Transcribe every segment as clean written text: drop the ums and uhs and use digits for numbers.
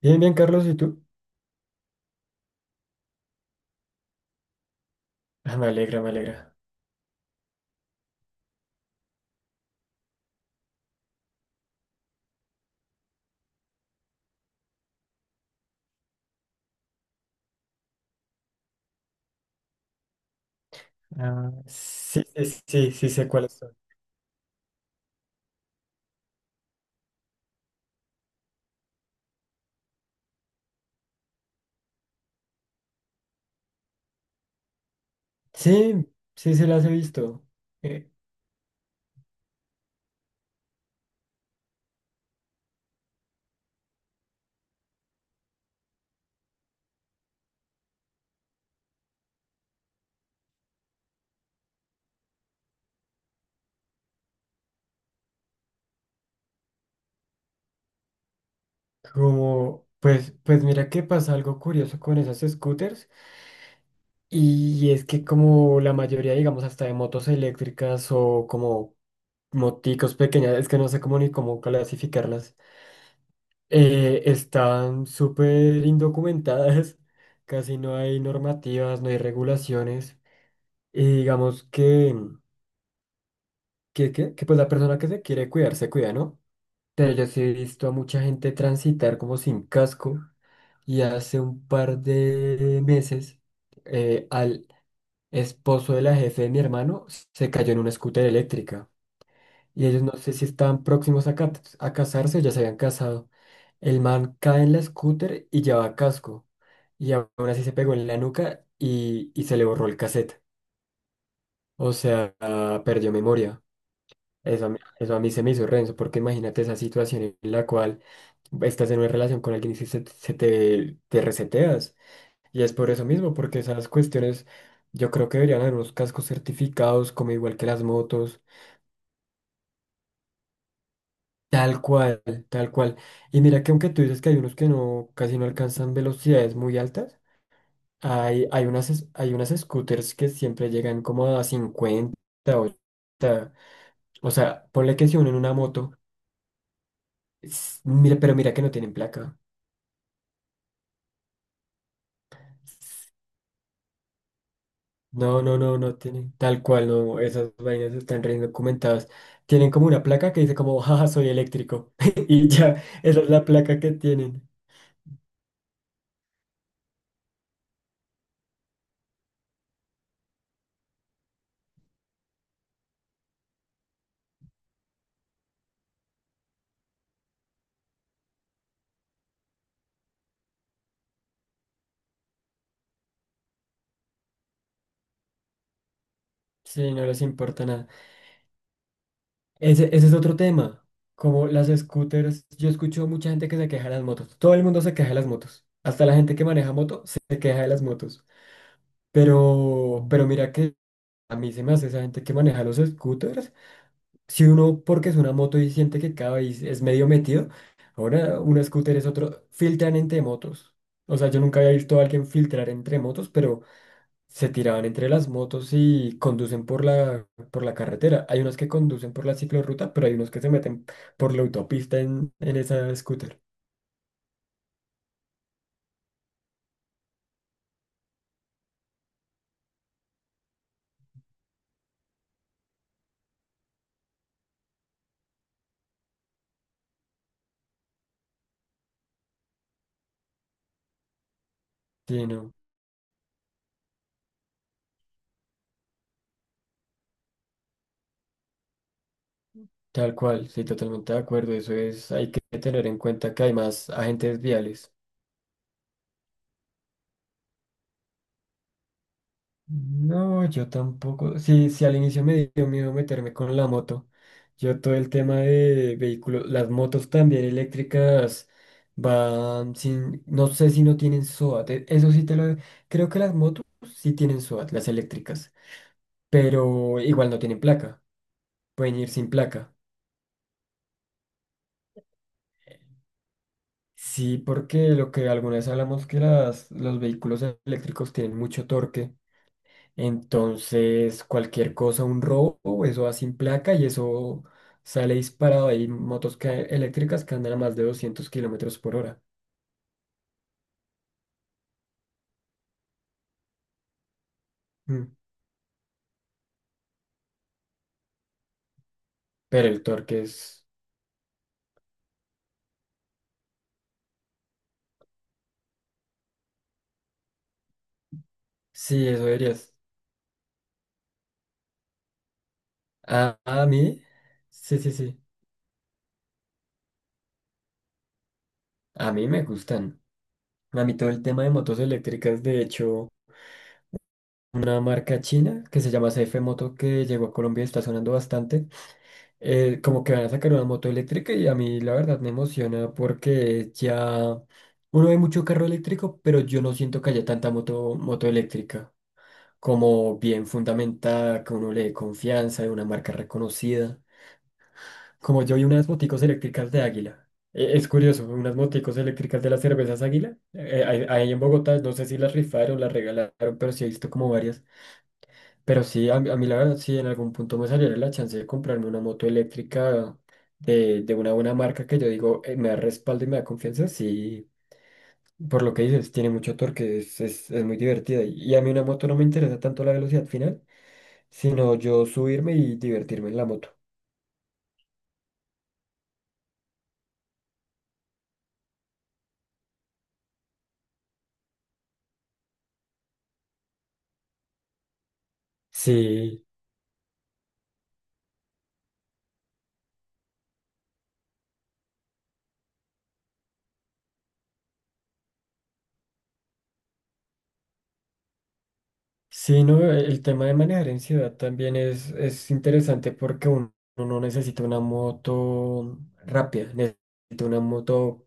Bien, bien, Carlos, ¿y tú? Ah, me alegra, me alegra. Ah, sí, sí, sí, sí sé cuáles son. Sí, sí, se las he visto. Eh, pues mira que pasa algo curioso con esas scooters, y es que como la mayoría, digamos, hasta de motos eléctricas o como moticos pequeñas, es que no sé cómo ni cómo clasificarlas, están súper indocumentadas, casi no hay normativas, no hay regulaciones, y digamos que que la persona que se quiere cuidar se cuida, ¿no? Pero yo sí he visto a mucha gente transitar como sin casco, y hace un par de meses al esposo de la jefe de mi hermano se cayó en una scooter eléctrica, y ellos no sé si estaban próximos a, a casarse, o ya se habían casado. El man cae en la scooter y lleva casco, y aún así se pegó en la nuca y se le borró el cassette. O sea, perdió memoria. Eso a mí se me hizo renzo, porque imagínate esa situación en la cual estás en una relación con alguien y si se, se te, te reseteas. Y es por eso mismo, porque esas cuestiones, yo creo que deberían haber unos cascos certificados, como igual que las motos. Tal cual, tal cual. Y mira que aunque tú dices que hay unos que no, casi no alcanzan velocidades muy altas, hay unas, hay unas scooters que siempre llegan como a cincuenta, 80. O sea, ponle que si uno en una moto, mira, pero mira que no tienen placa. No, no, no, no tienen. Tal cual, no. Esas vainas están re documentadas. Tienen como una placa que dice como, jaja, soy eléctrico. Y ya, esa es la placa que tienen. Sí, no les importa nada. Ese es otro tema. Como las scooters, yo escucho mucha gente que se queja de las motos. Todo el mundo se queja de las motos. Hasta la gente que maneja moto se queja de las motos. Pero mira que a mí se me hace esa gente que maneja los scooters. Si uno porque es una moto y siente que cada vez es medio metido, ahora un scooter es otro, filtran entre motos. O sea, yo nunca había visto a alguien filtrar entre motos, pero se tiraban entre las motos y conducen por la carretera. Hay unos que conducen por la ciclorruta, pero hay unos que se meten por la autopista en esa scooter. Sí, no, tal cual, sí, totalmente de acuerdo. Eso es, hay que tener en cuenta que hay más agentes viales. No, yo tampoco. Sí, sí, al inicio me dio miedo meterme con la moto. Yo todo el tema de vehículos, las motos también eléctricas van sin, no sé si no tienen SOAT. Eso sí te lo, creo que las motos sí tienen SOAT, las eléctricas, pero igual no tienen placa, pueden ir sin placa. Sí, porque lo que alguna vez hablamos, que las, los vehículos eléctricos tienen mucho torque. Entonces, cualquier cosa, un robo, eso va sin placa y eso sale disparado. Hay eléctricas que andan a más de 200 kilómetros por hora. Mm. Pero el torque es... Sí, eso deberías. A mí, sí, sí, sí. A mí me gustan. A mí todo el tema de motos eléctricas, de hecho, una marca china que se llama CF Moto que llegó a Colombia y está sonando bastante. Como que van a sacar una moto eléctrica, y a mí la verdad me emociona porque ya uno ve mucho carro eléctrico, pero yo no siento que haya tanta moto, moto eléctrica como bien fundamentada, que uno le dé confianza de una marca reconocida. Como yo vi unas moticos eléctricas de Águila. Es curioso, unas moticos eléctricas de las cervezas Águila. Ahí ahí en Bogotá, no sé si las rifaron, las regalaron, pero sí he visto como varias. Pero sí, a mí la verdad, sí, en algún punto me saliera la chance de comprarme una moto eléctrica de una buena marca que yo digo, me da respaldo y me da confianza, sí, por lo que dices, tiene mucho torque, es muy divertida. Y a mí una moto no me interesa tanto la velocidad final, sino yo subirme y divertirme en la moto. Sí, sí, no, el tema de manejar en ciudad también es interesante porque uno, uno no necesita una moto rápida, necesita una moto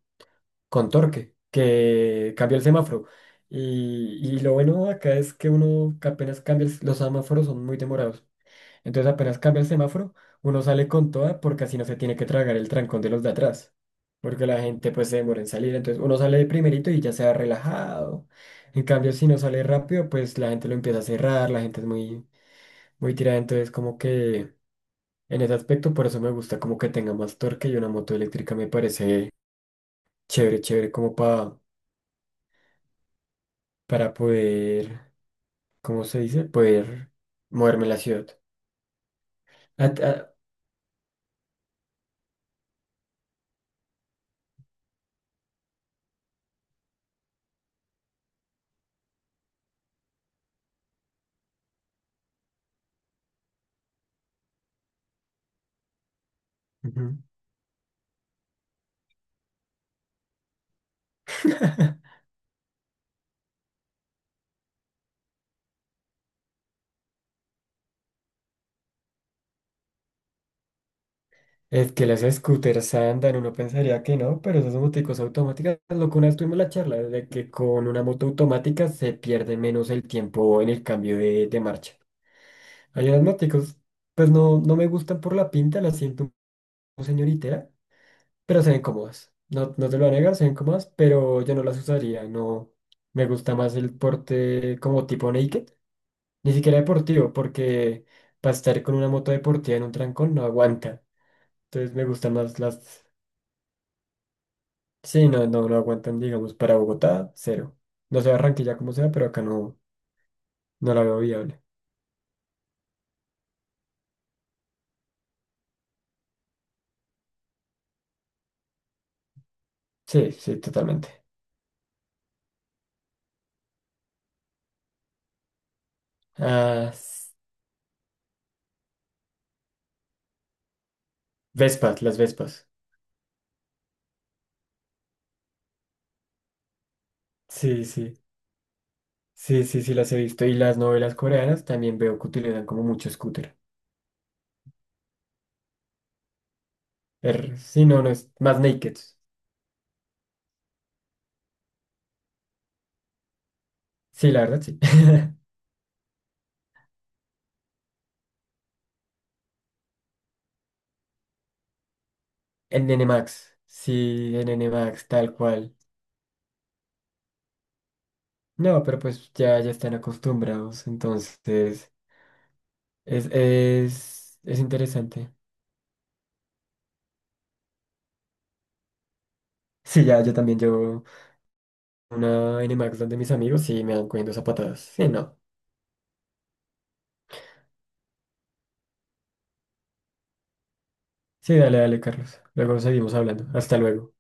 con torque, que cambió el semáforo. Y lo bueno de acá es que uno que apenas cambia, los semáforos son muy demorados. Entonces apenas cambia el semáforo, uno sale con toda porque así no se tiene que tragar el trancón de los de atrás. Porque la gente pues se demora en salir. Entonces uno sale de primerito y ya se va relajado. En cambio, si no sale rápido, pues la gente lo empieza a cerrar, la gente es muy, muy tirada. Entonces como que en ese aspecto por eso me gusta como que tenga más torque, y una moto eléctrica me parece chévere, chévere como para poder, ¿cómo se dice? Poder moverme en la ciudad. Ah, ah, ujú. Es que las scooters andan, uno pensaría que no, pero esas moticos automáticas, lo que una vez tuvimos la charla, de que con una moto automática se pierde menos el tiempo en el cambio de marcha. Hay unas moticos, pues no, no me gustan por la pinta, las siento un señoritera, pero se ven cómodas. No, no te lo voy a negar, se ven cómodas, pero yo no las usaría, no. Me gusta más el porte como tipo naked. Ni siquiera deportivo, porque para estar con una moto deportiva en un trancón no aguanta. Entonces me gustan más las... Sí, no, no, no aguantan, digamos, para Bogotá, cero. No sé Barranquilla como sea, pero acá no, no la veo viable. Sí, sí, totalmente. Ah, s- Vespas, las Vespas. Sí, sí, sí, sí, sí, las he visto. Y las novelas coreanas también veo que utilizan como mucho scooter. Sí, no, no es más naked. Sí, la verdad, sí. En N N Max sí, en NMAX tal cual. No, pero pues ya, ya están acostumbrados, entonces es interesante. Sí, ya, yo también llevo una Nmax donde mis amigos y me dan cogiendo zapatadas. Sí, no. Sí, dale, dale, Carlos. Luego seguimos hablando. Hasta luego.